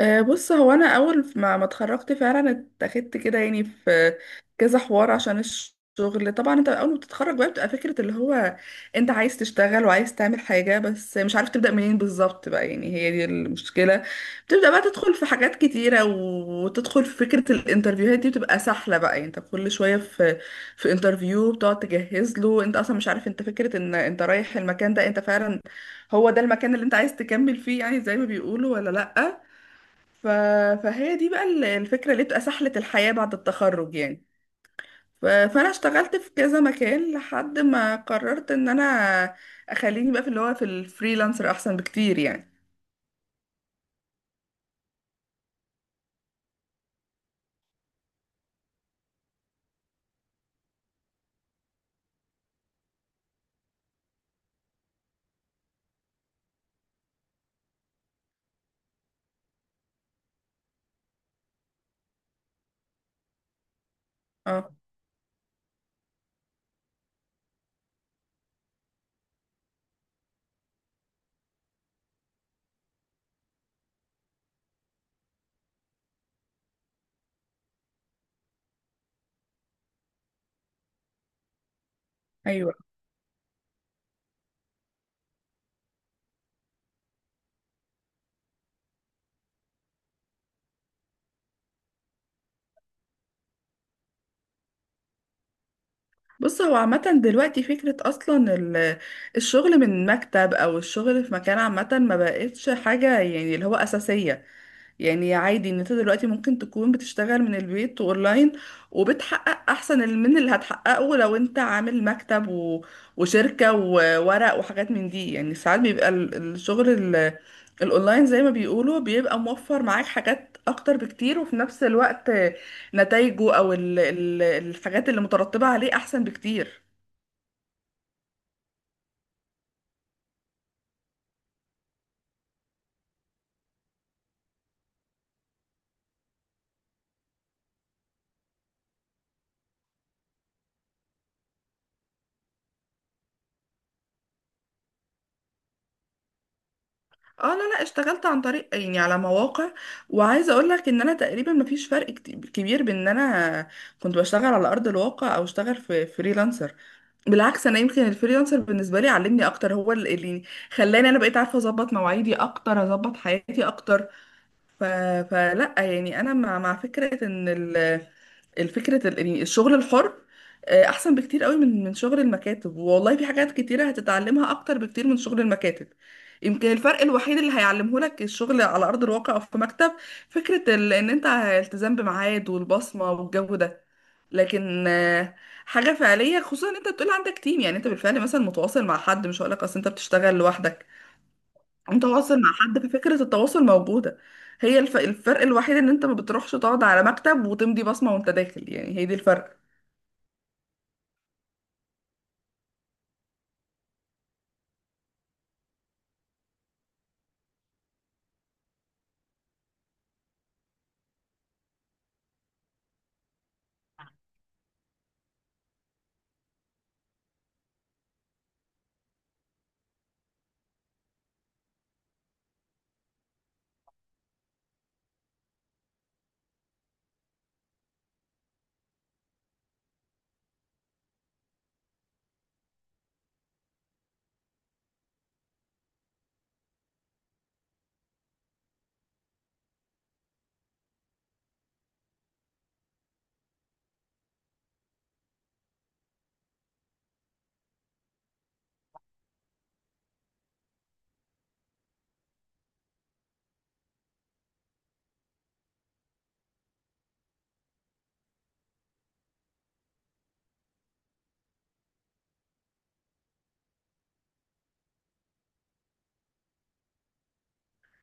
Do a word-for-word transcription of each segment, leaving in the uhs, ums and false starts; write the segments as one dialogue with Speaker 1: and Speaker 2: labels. Speaker 1: آه، بص هو انا اول ما ما اتخرجت فعلا اتاخدت كده يعني في كذا حوار عشان الشغل. طبعا انت اول ما بتتخرج بقى بتبقى فكره اللي هو انت عايز تشتغل وعايز تعمل حاجه بس مش عارف تبدا منين بالظبط بقى، يعني هي دي المشكله. بتبدا بقى تدخل في حاجات كتيره وتدخل في فكره الانترفيوهات دي، بتبقى سهله بقى يعني انت كل شويه في في انترفيو بتقعد تجهز له. انت اصلا مش عارف انت، فكره ان انت رايح المكان ده انت فعلا هو ده المكان اللي انت عايز تكمل فيه يعني زي ما بيقولوا ولا لا. ف... فهي دي بقى ال- الفكرة اللي بتبقى سحلة الحياة بعد التخرج يعني. ف... فأنا اشتغلت في كذا مكان لحد ما قررت إن أنا أخليني بقى في اللي هو في الفريلانسر أحسن بكتير يعني. اه أيوه، بص هو عامة دلوقتي فكرة أصلا ال- الشغل من مكتب أو الشغل في مكان، عامة ما بقتش حاجة يعني اللي هو أساسية. يعني عادي ان انت دلوقتي ممكن تكون بتشتغل من البيت اونلاين وبتحقق احسن ال- من اللي هتحققه لو انت عامل مكتب و... وشركة وورق وحاجات من دي. يعني ساعات بيبقى ال- الشغل ال... الاونلاين زي ما بيقولوا بيبقى موفر معاك حاجات اكتر بكتير، وفي نفس الوقت نتائجه او ال... ال... الحاجات اللي مترتبة عليه احسن بكتير. اه، لا لا اشتغلت عن طريق يعني على مواقع، وعايزه اقول لك ان انا تقريبا مفيش فرق كت- كبير بين ان انا كنت بشتغل على ارض الواقع او اشتغل في فريلانسر. بالعكس انا يمكن الفريلانسر بالنسبه لي علمني اكتر، هو اللي اللي خلاني انا بقيت عارفه اظبط مواعيدي اكتر اظبط حياتي اكتر. ف... فلا يعني انا مع مع فكره ان ال... الفكرة ال- يعني الشغل الحر آه، احسن بكتير قوي من من شغل المكاتب والله. في حاجات كتيرة هتتعلمها اكتر بكتير من شغل المكاتب. يمكن الفرق الوحيد اللي هيعلمه لك الشغل على ارض الواقع او في مكتب فكرة ال- ان انت التزام بميعاد والبصمة والجو ده. لكن آه، حاجة فعلية خصوصا ان انت بتقول عندك تيم، يعني انت بالفعل مثلا متواصل مع حد، مش هقولك اصل انت بتشتغل لوحدك. متواصل مع حد ففكرة التواصل موجودة. هي الف... الفرق الوحيد ان انت ما بتروحش تقعد على مكتب وتمضي بصمة وانت داخل، يعني هي دي الفرق.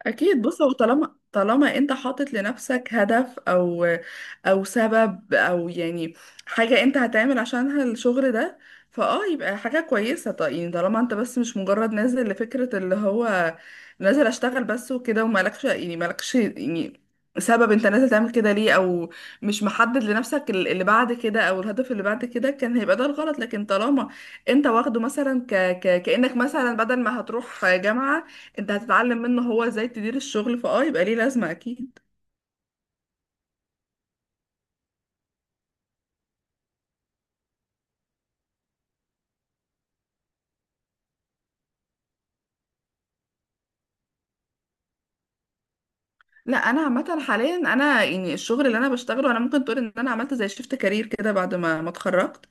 Speaker 1: اكيد، بص هو طالما طالما انت حاطط لنفسك هدف او او سبب او يعني حاجه انت هتعمل عشانها الشغل ده، فاه يبقى حاجه كويسه. طيب يعني طالما انت بس مش مجرد نازل لفكره اللي هو نازل اشتغل بس وكده، ومالكش يعني مالكش يعني سبب انت نازل تعمل كده ليه، او مش محدد لنفسك ال- اللي بعد كده او الهدف اللي بعد كده، كان هيبقى ده الغلط. لكن طالما انت واخده مثلا ك... ك... كانك مثلا بدل ما هتروح جامعه انت هتتعلم منه هو ازاي تدير الشغل، فاه يبقى ليه لازمه اكيد. لا، انا عامه حاليا انا يعني الشغل اللي انا بشتغله، انا ممكن تقول ان انا عملت زي شيفت كارير كده بعد ما ما اتخرجت،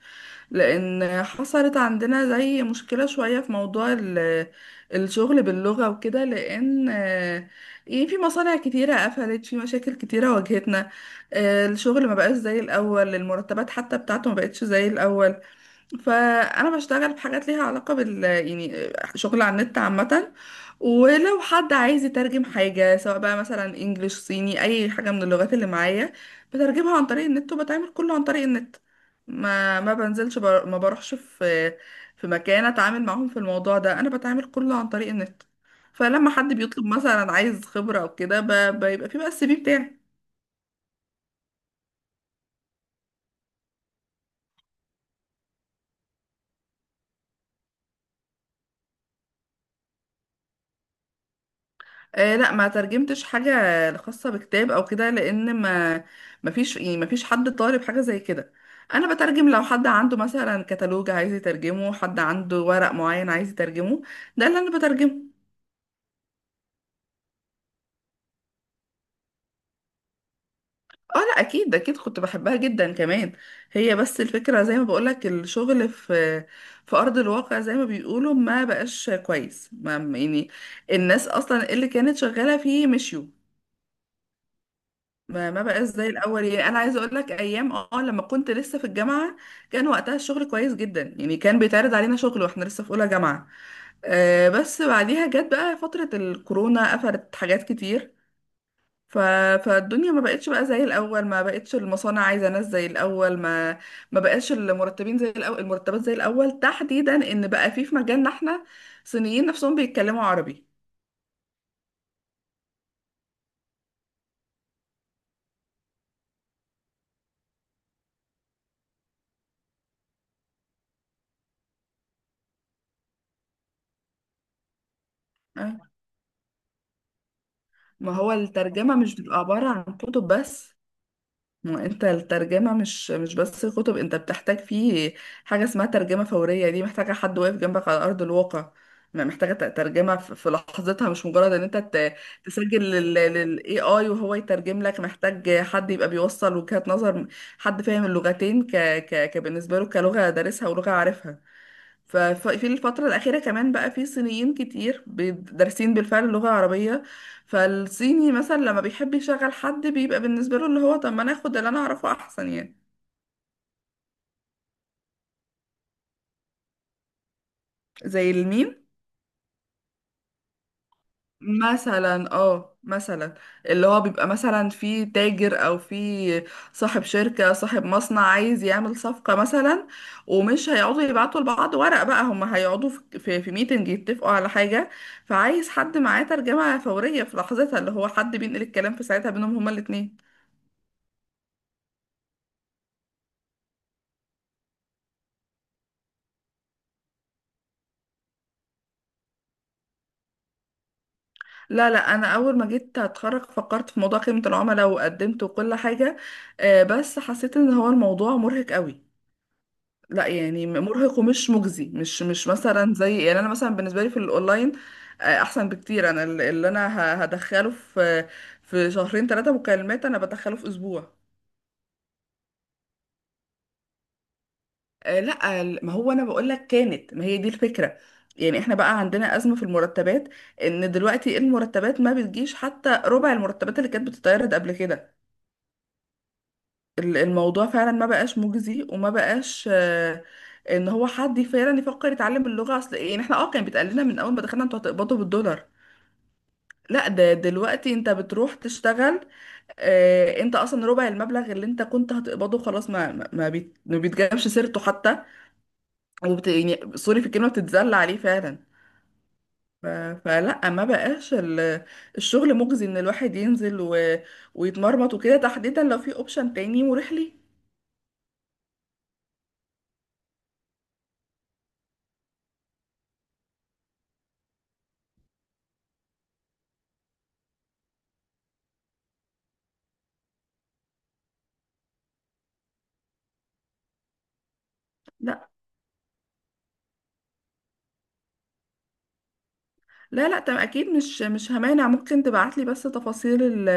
Speaker 1: لان حصلت عندنا زي مشكله شويه في موضوع ال- الشغل باللغه وكده. لان آه، يعني في مصانع كتيره قفلت، في مشاكل كتيره واجهتنا. آه، الشغل ما بقاش زي الاول، المرتبات حتى بتاعته ما بقتش زي الاول. فانا بشتغل في حاجات ليها علاقه بال، يعني شغل على النت عامه. ولو حد عايز يترجم حاجه، سواء بقى مثلا انجليش صيني اي حاجه من اللغات اللي معايا، بترجمها عن طريق النت، وبتعمل كله عن طريق النت. ما ما بنزلش بر... ما بروحش في في مكان اتعامل معاهم في الموضوع ده، انا بتعامل كله عن طريق النت. فلما حد بيطلب مثلا عايز خبره او كده، ب... بيبقى في بقى السي في بتاعي. آه لا، ما ترجمتش حاجة خاصة بكتاب او كده، لان ما ما فيش يعني ما فيش حد طالب حاجة زي كده. انا بترجم لو حد عنده مثلا كتالوج عايز يترجمه، حد عنده ورق معين عايز يترجمه، ده اللي انا بترجمه. اه لا، اكيد اكيد كنت بحبها جدا كمان. هي بس الفكرة زي ما بقولك، الشغل في في ارض الواقع زي ما بيقولوا ما بقاش كويس. ما يعني الناس اصلا اللي كانت شغالة فيه مشيوا. ما ما بقاش زي الاول. يعني انا عايزه اقول لك، ايام اه لما كنت لسه في الجامعه كان وقتها الشغل كويس جدا. يعني كان بيتعرض علينا شغل واحنا لسه في اولى جامعه. آه بس بعديها جت بقى فتره الكورونا، قفلت حاجات كتير. ف... فالدنيا ما بقتش بقى زي الاول، ما بقتش المصانع عايزه ناس زي الاول، ما ما بقاش المرتبين زي الاول، المرتبات زي الاول، تحديدا ان بقى في في مجالنا احنا صينيين نفسهم بيتكلموا عربي. آه، ما هو الترجمه مش بتبقى عباره عن كتب بس. ما انت الترجمة مش مش بس كتب، انت بتحتاج فيه حاجة اسمها ترجمة فورية، دي محتاجة حد واقف جنبك على أرض الواقع، ما محتاجة ت- ترجمة في في لحظتها، مش مجرد ان انت ت- تسجل لل لل A I وهو يترجم لك. محتاج حد يبقى بيوصل وجهات نظر، حد فاهم اللغتين، ك ك كبالنسبة له كلغة دارسها ولغة عارفها. ففي الفترة الأخيرة كمان بقى في صينيين كتير بي- دارسين بالفعل اللغة العربية. فالصيني مثلا لما بيحب يشغل حد، بيبقى بالنسبة له اللي هو طب ما أنا آخد اللي أنا أعرفه أحسن يعني. زي الميم مثلا، اه مثلا اللي هو بيبقى مثلا في تاجر او في صاحب شركة صاحب مصنع عايز يعمل صفقة مثلا، ومش هيقعدوا يبعتوا لبعض ورق، بقى هم هيقعدوا في في, في ميتنج يتفقوا على حاجة، فعايز حد معاه ترجمة فورية في لحظتها، اللي هو حد بينقل الكلام في ساعتها بينهم هما الاتنين. لا لا انا اول ما جيت اتخرج فكرت في موضوع خدمة العملاء، وقدمت وكل حاجة، آه، بس حسيت ان هو الموضوع مرهق قوي. لا يعني مرهق ومش مجزي، مش مش مثلا زي، يعني انا مثلا بالنسبه لي في الاونلاين آه، احسن بكتير. انا ال- اللي انا ه- هدخله في في شهرين ثلاثه مكالمات، انا بدخله في اسبوع. آه، لا ال- ما هو انا بقول لك كانت، ما هي دي الفكره. يعني احنا بقى عندنا ازمه في المرتبات، ان دلوقتي المرتبات ما بتجيش حتى ربع المرتبات اللي كانت بتتعرض قبل كده. ال- الموضوع فعلا ما بقاش مجزي، وما بقاش آه، ان هو حد فعلا يفكر يتعلم اللغة اصل. يعني احنا اه كان بيتقال لنا من اول ما دخلنا انتوا هتقبضوا بالدولار. لا ده دلوقتي انت بتروح تشتغل، آه، انت اصلا ربع المبلغ اللي انت كنت هتقبضه خلاص ما ما ما بيت- ما بيتجابش سيرته حتى، وبت يعني سوري في الكلمة بتتذل عليه فعلا. ف- فلا، ما بقاش ال- الشغل مجزي ان الواحد ينزل و- ويتمرمط وكده، تحديدا لو في اوبشن تاني مريح ليه. لا لا طب اكيد مش مش همانع، ممكن تبعتلي بس تفاصيل ال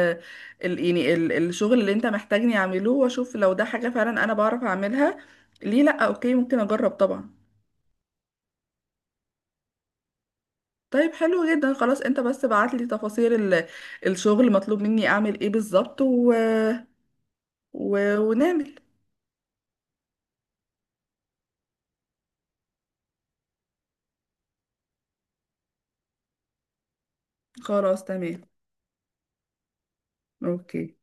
Speaker 1: ال يعني ال الشغل اللي انت محتاجني اعمله، واشوف لو ده حاجة فعلا انا بعرف اعملها. ليه لا، اوكي ممكن اجرب طبعا. طيب حلو جدا، خلاص انت بس بعتلي تفاصيل ال الشغل مطلوب مني اعمل ايه بالظبط و... و... ونعمل. خلاص تمام. اوكي.